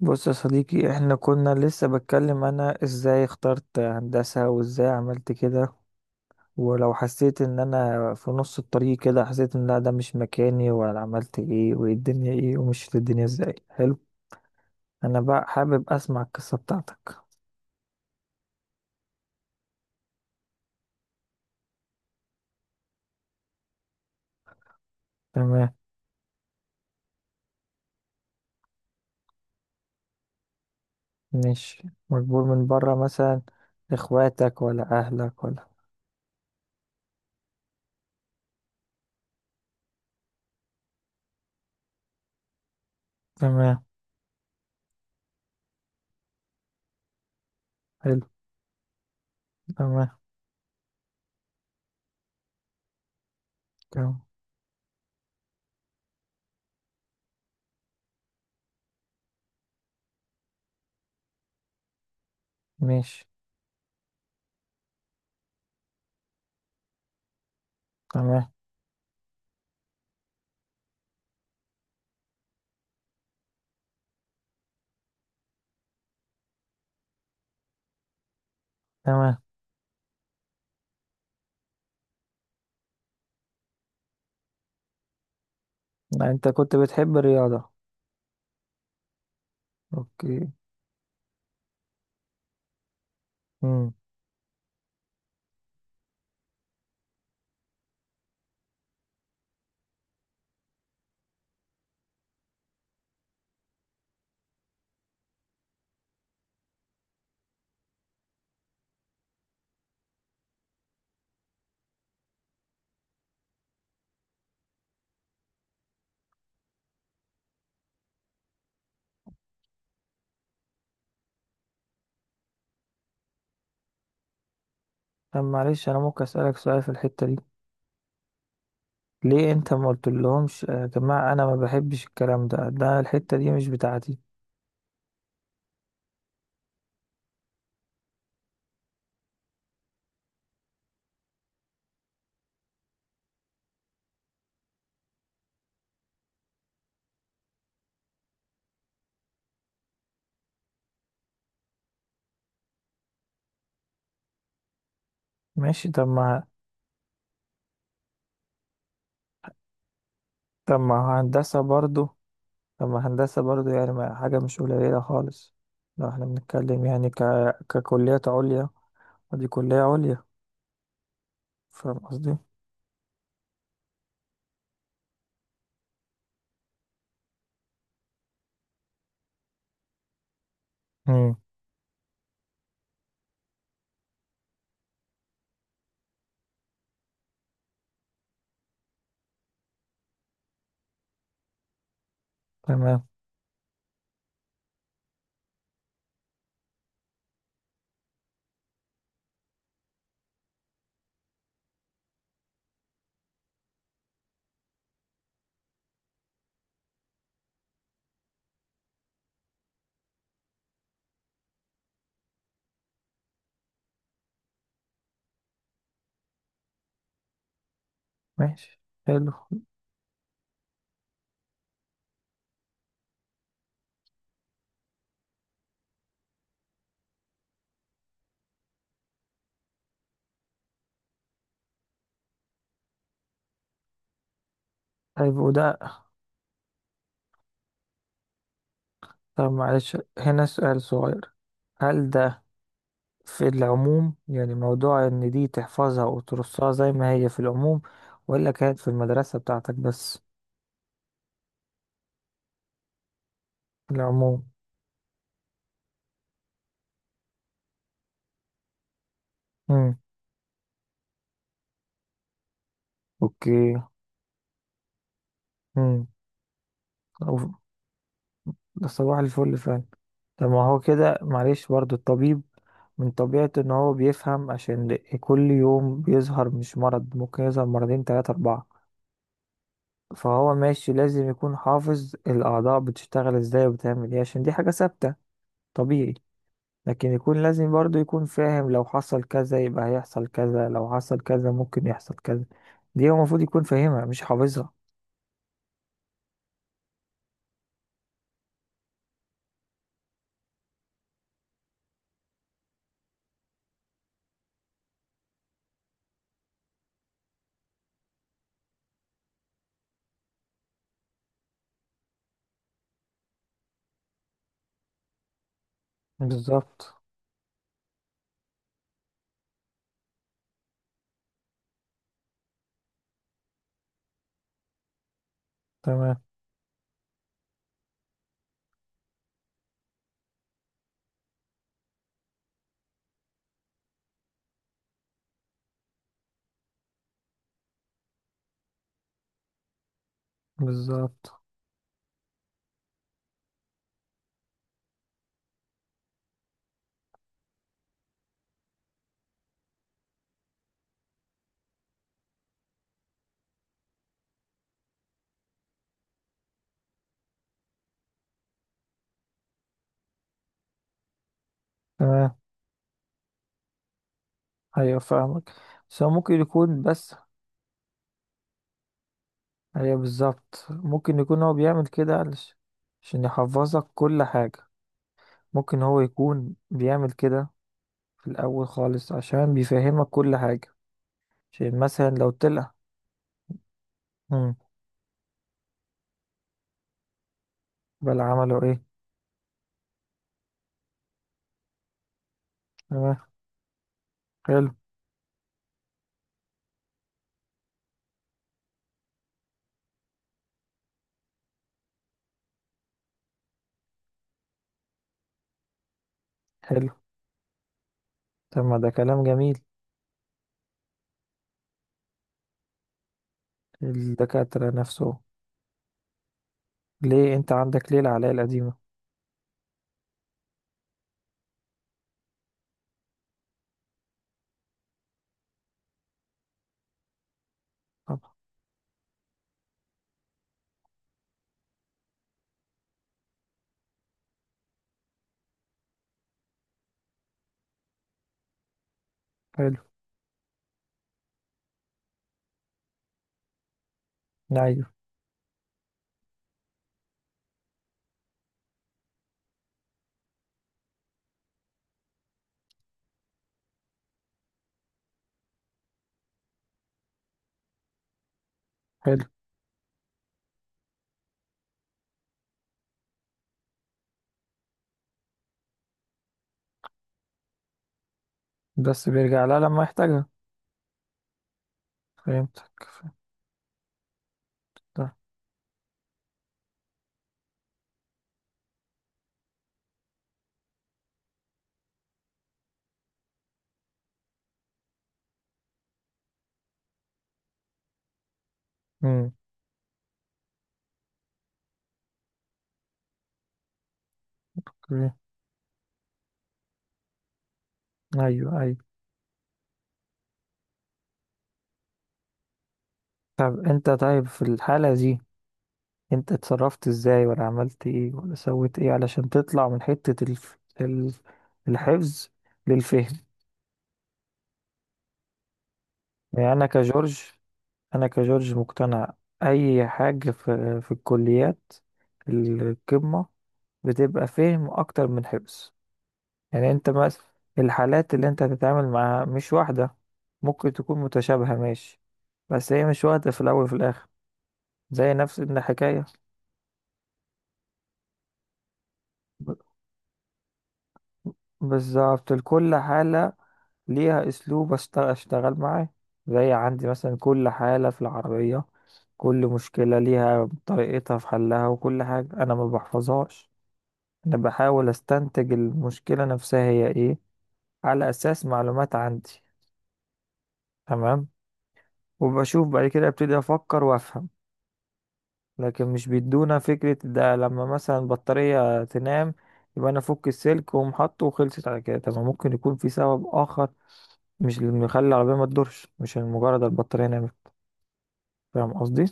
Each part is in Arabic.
بص يا صديقي، احنا كنا لسه بتكلم انا ازاي اخترت هندسة وازاي عملت كده، ولو حسيت ان انا في نص الطريق كده حسيت ان لا ده مش مكاني، وانا عملت ايه وايه الدنيا، ايه ومشيت الدنيا ازاي. حلو. انا بقى حابب اسمع القصة بتاعتك. تمام. ماشي. مجبور من بره مثلا؟ اخواتك ولا اهلك ولا؟ تمام. حلو. تمام. تمام. ماشي. تمام. تمام. انت كنت بتحب الرياضة؟ اوكي. طب معلش، انا ممكن اسالك سؤال في الحته دي؟ ليه انت ما قلت لهمش يا جماعه انا ما بحبش الكلام ده؟ ده الحته دي مش بتاعتي. ماشي. طب ما هندسه برضو. طب ما هندسه برضو، يعني ما حاجه مش قليله خالص. لو احنا بنتكلم يعني ككليات عليا، ودي كليه عليا. فاهم قصدي؟ امم. تمام. ماشي. حلو. طيب وده. طب معلش، هنا سؤال صغير. هل ده. في العموم، يعني موضوع ان دي تحفظها وترصها زي ما هي في العموم، ولا كانت في المدرسة بتاعتك بس؟ في العموم. امم. اوكي. امم. أوف، ده صباح الفل فعلا. طب ما هو كده، معلش برضو الطبيب من طبيعته ان هو بيفهم، عشان كل يوم بيظهر مش مرض، ممكن يظهر مرضين تلاتة اربعة. فهو ماشي لازم يكون حافظ الاعضاء بتشتغل ازاي وبتعمل ايه، عشان دي حاجة ثابتة طبيعي. لكن يكون لازم برضو يكون فاهم، لو حصل كذا يبقى هيحصل كذا، لو حصل كذا ممكن يحصل كذا. دي هو المفروض يكون فاهمها مش حافظها. بالظبط. تمام. بالظبط. تمام. ايوه فاهمك. بس هو ممكن يكون بس. ايوه بالظبط، ممكن يكون هو بيعمل كده عشان يحفظك كل حاجة. ممكن هو يكون بيعمل كده في الأول خالص، عشان بيفهمك كل حاجة. عشان مثلا لو طلع. امم. بل عملوا ايه؟ تمام. حلو. حلو. طب ما ده كلام جميل. الدكاترة نفسه. ليه انت عندك ليه العلاقة القديمة؟ طب. حلو. ايوه حلو. بس بيرجع لها لما يحتاجها. فهمتك. فهمت. امم. اوكي. ايوه ايوه. طب انت، طيب في الحالة دي انت اتصرفت ازاي ولا عملت ايه ولا سويت ايه علشان تطلع من حتة الحفظ للفهم؟ يعني انا كجورج انا كجورج مقتنع. اي حاجة في الكليات القمة بتبقى فهم اكتر من حفظ. يعني انت مثلا، الحالات اللي انت هتتعامل معاها مش واحدة. ممكن تكون متشابهة ماشي، بس هي مش واحدة في الأول وفي الآخر. زي نفس الحكاية. ب- بالظبط لكل حالة ليها أسلوب أشتغل معاه. زي عندي مثلا كل حالة في العربية، كل مشكلة ليها طريقتها في حلها، وكل حاجة أنا ما بحفظهاش. أنا بحاول أستنتج المشكلة نفسها هي إيه على أساس معلومات عندي. تمام. وبشوف بعد كده ابتدي افكر وافهم. لكن مش بيدونا فكرة، ده لما مثلا البطارية تنام يبقى انا افك السلك واقوم حاطه وخلصت على كده. طب ما ممكن يكون في سبب اخر، مش اللي مخلي العربية ما تدورش مش مجرد البطارية نامت. فاهم قصدي؟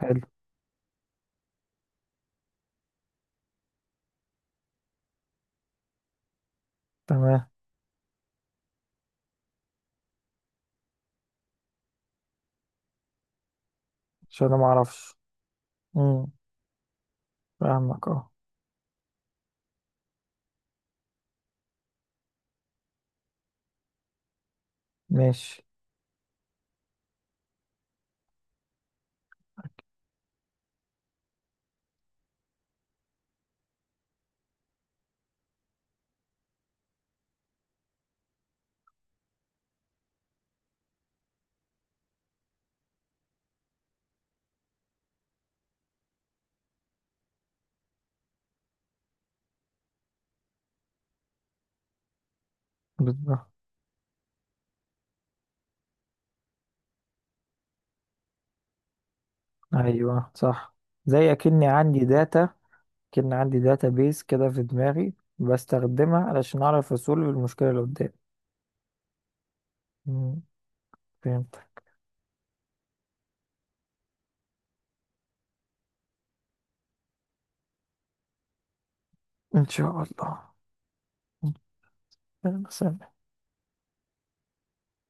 حلو. تمام. عشان انا ما اعرفش. امم. فاهمك اه. ماشي. بالظبط. ايوه صح. زي اكني عندي داتا كأن عندي داتا بيس كده في دماغي، بستخدمها علشان اعرف اصول المشكلة اللي قدامي. أمم، فهمت. إن شاء الله. إن شاء الله.